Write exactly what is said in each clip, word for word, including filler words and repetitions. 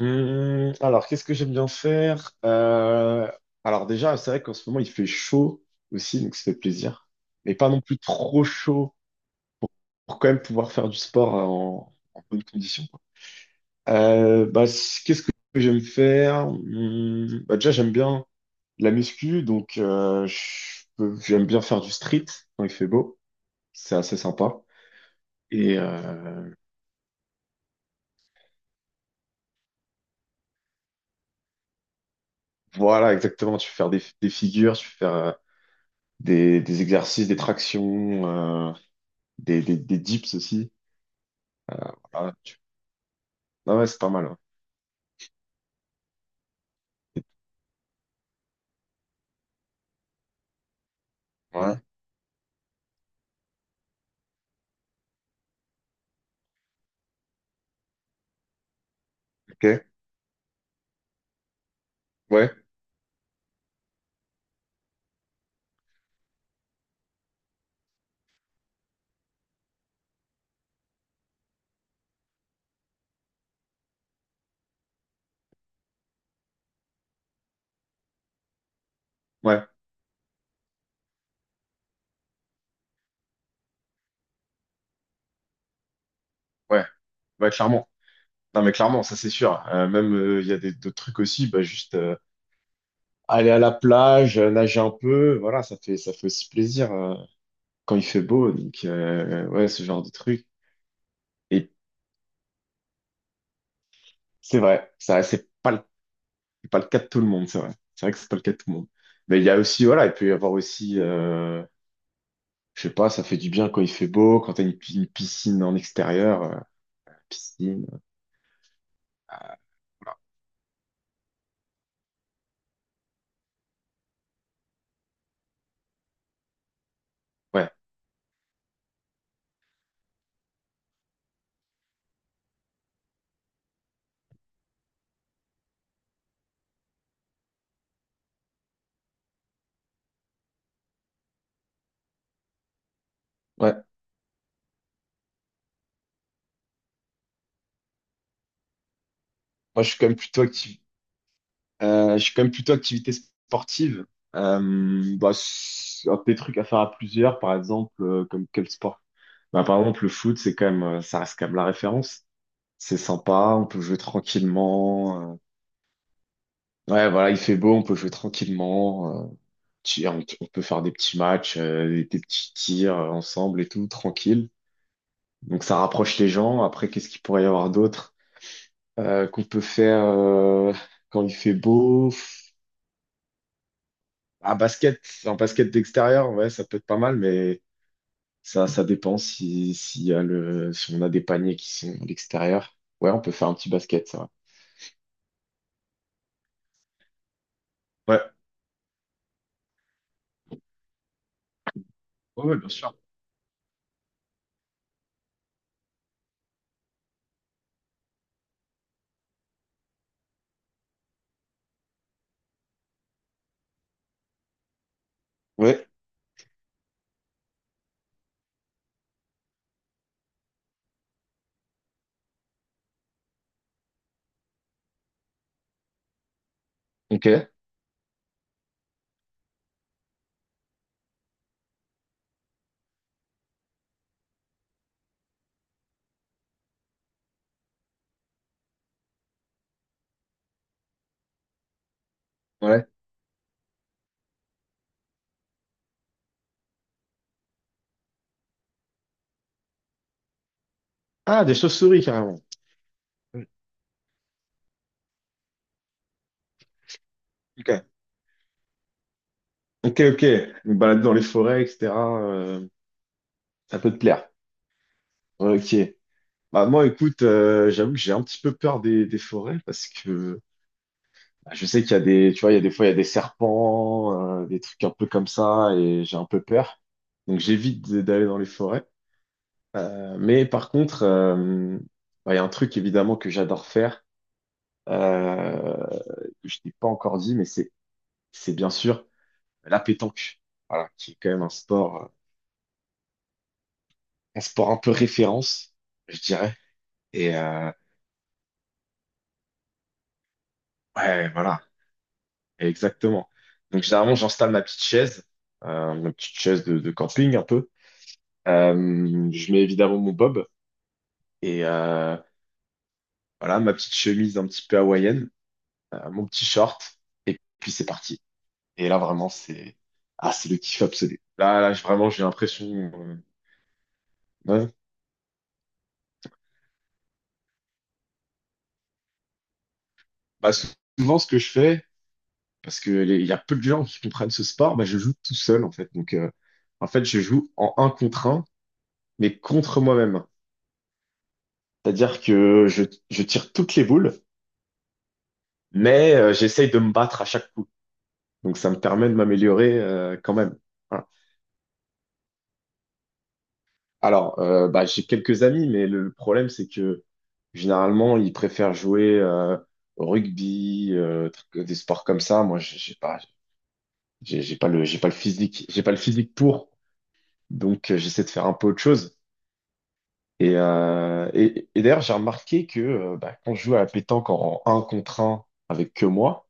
Hum, alors, qu'est-ce que j'aime bien faire? Euh, alors déjà, c'est vrai qu'en ce moment, il fait chaud aussi, donc ça fait plaisir. Mais pas non plus trop chaud pour quand même pouvoir faire du sport euh, en, en bonne condition, quoi. Euh, bah, c- qu'est-ce que j'aime faire? Hum, bah, déjà, j'aime bien la muscu, donc euh, je peux- j'aime bien faire du street quand il fait beau. C'est assez sympa. Et euh, voilà, exactement, tu peux faire des, des figures, tu peux faire euh, des, des exercices, des tractions. euh, Des, des, des dips aussi. Ah, non, ouais, c'est pas mal. Ouais. Ouais, ok. Ouais, ouais, ouais. Ouais, clairement. Non, mais clairement, ça c'est sûr. Euh, même, euh, il y a des, d'autres trucs aussi. Bah, juste euh, aller à la plage, euh, nager un peu. Voilà, ça fait, ça fait aussi plaisir euh, quand il fait beau. Donc, euh, euh, ouais, ce genre de trucs. Et c'est vrai, ça, c'est pas le, c'est pas le cas de tout le monde, c'est vrai. C'est vrai que c'est pas le cas de tout le monde. Mais il y a aussi, voilà, il peut y avoir aussi, euh, je sais pas, ça fait du bien quand il fait beau, quand t'as une, pi- une piscine en extérieur, euh, piscine. Ouais. Ouais, moi je suis quand même plutôt actif. Euh, je suis quand même plutôt activité sportive. Euh, bah, c'est un des trucs à faire à plusieurs, par exemple, euh, comme quel sport? Bah, par exemple, le foot, c'est quand même, euh, ça reste quand même la référence. C'est sympa, on peut jouer tranquillement. euh, Ouais, voilà, il fait beau, on peut jouer tranquillement. euh, tu- On, on peut faire des petits matchs, euh, des des petits tirs euh, ensemble et tout, tranquille. Donc ça rapproche les gens. Après, qu'est-ce qu'il pourrait y avoir d'autre euh, qu'on peut faire euh, quand il fait beau? Ah, basket, en basket d'extérieur, ouais, ça peut être pas mal, mais ça, ça dépend si, s'il y a le, si on a des paniers qui sont à l'extérieur. Ouais, on peut faire un petit basket, ça va. Ouais, ouais, ouais, bien sûr. Ouais, ok, ouais. Ah, des chauves-souris, carrément. Ouais, ok, ok, ok. Une balade dans les forêts, et cetera euh, ça peut te plaire. Ouais, ok. Bah, moi, écoute, euh, j'avoue que j'ai un petit peu peur des, des forêts parce que bah, je sais qu'il y a des, tu vois, il y a des fois, il y a des serpents, euh, des trucs un peu comme ça, et j'ai un peu peur. Donc j'évite de- d'aller dans les forêts. Euh, mais par contre, euh, bah, il y a un truc évidemment que j'adore faire, euh, que je t'ai pas encore dit, mais c'est, c'est bien sûr la pétanque. Voilà, qui est quand même un sport, euh, un sport un peu référence, je dirais. Et euh, ouais, voilà, exactement. Donc généralement, j'installe ma petite chaise, euh, ma petite chaise de de camping un peu. Euh, je mets évidemment mon bob et euh, voilà ma petite chemise un petit peu hawaïenne, euh, mon petit short et puis c'est parti. Et là vraiment c'est ah c'est le kiff absolu. Là là je- vraiment j'ai l'impression euh, ouais. Bah, souvent ce que je fais parce que les- il y a peu de gens qui comprennent ce sport, bah je joue tout seul en fait. Donc euh, en fait je joue en un contre un mais contre moi-même. C'est-à-dire que je, je tire toutes les boules mais euh, j'essaye de me battre à chaque coup. Donc ça me permet de m'améliorer euh, quand même. Voilà. Alors, euh, bah, j'ai quelques amis, mais le problème, c'est que généralement, ils préfèrent jouer euh, au rugby, euh, truc- des sports comme ça. Moi, j'ai j'ai pas, j'ai j'ai pas le, j'ai pas le physique, j'ai pas le physique pour. Donc, euh, j'essaie de faire un peu autre chose. Et, euh, et, et d'ailleurs, j'ai remarqué que euh, bah, quand je joue à la pétanque en un contre un avec que moi,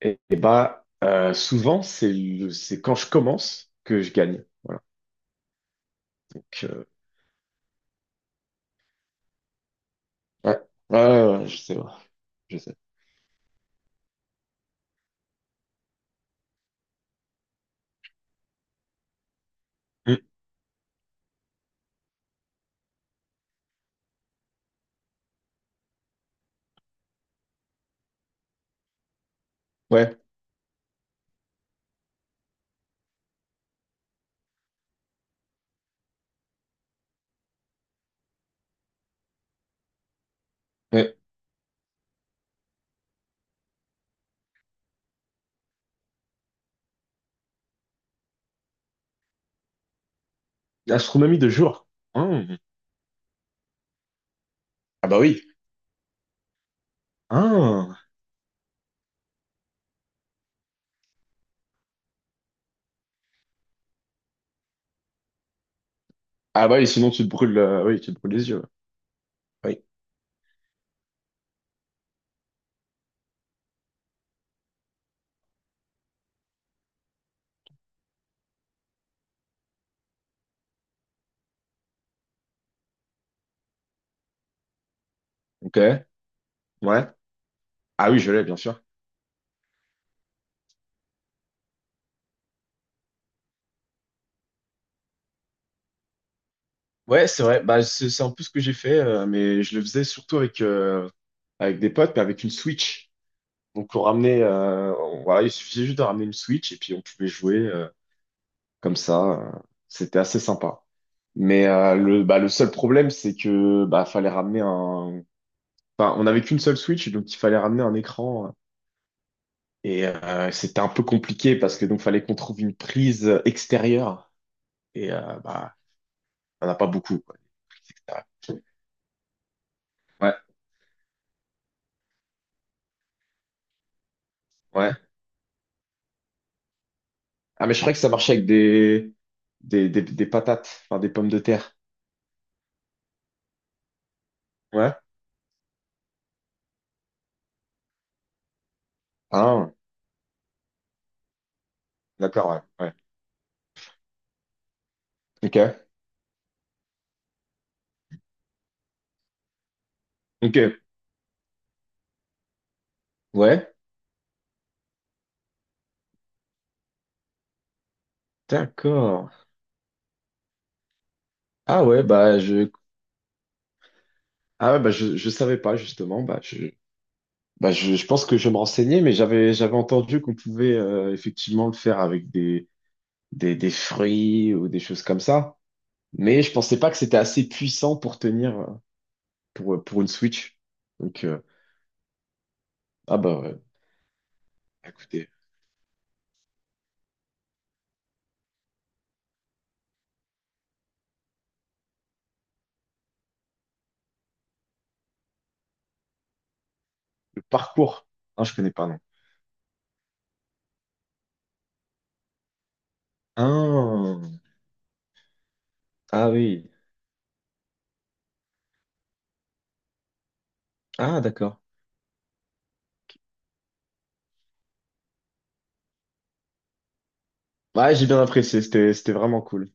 et, et bah, euh, souvent, c'est le- c'est quand je commence que je gagne. Voilà. Donc, euh, ouais, ouais, ouais, ouais, je sais, ouais, je sais. Mm. Ouais. Ouais. L'astronomie de jour. Hein. Ah bah oui. Hein. Ah bah oui, sinon tu te brûles, euh, oui, tu te brûles les yeux. Oui. Ok. Ouais. Ah oui, je l'ai, bien sûr. Ouais, c'est vrai. Bah, c'est c'est un peu ce que j'ai fait, euh, mais je le faisais surtout avec, euh, avec des potes, mais avec une Switch. Donc, on ramenait, euh, on- voilà, il suffisait juste de ramener une Switch et puis on pouvait jouer euh, comme ça. Euh, c'était assez sympa. Mais euh, le, bah, le seul problème, c'est que bah, fallait ramener un. Enfin, on n'avait qu'une seule Switch, donc il fallait ramener un écran. euh, Et euh, c'était un peu compliqué parce que donc fallait qu'on trouve une prise extérieure et euh, bah on n'a pas beaucoup quoi, et cetera. Ouais, ouais. Ah mais je croyais que ça marchait avec des des, des, des patates, enfin des pommes de terre. Ouais. Ah, d'accord, ouais, ouais. Ok, ok, ouais, d'accord. Ah ouais bah je ah ouais, bah je je savais pas justement, bah je bah je, je pense que je me renseignais mais j'avais j'avais entendu qu'on pouvait euh, effectivement le faire avec des des des fruits ou des choses comme ça. Mais je pensais pas que c'était assez puissant pour tenir euh, pour, pour une Switch. Donc, euh, ah bah, ouais. Écoutez, le parcours. Ah, je connais pas, non. Ah, ah oui. Ah, d'accord. Ouais, j'ai bien apprécié. C'était, c'était vraiment cool.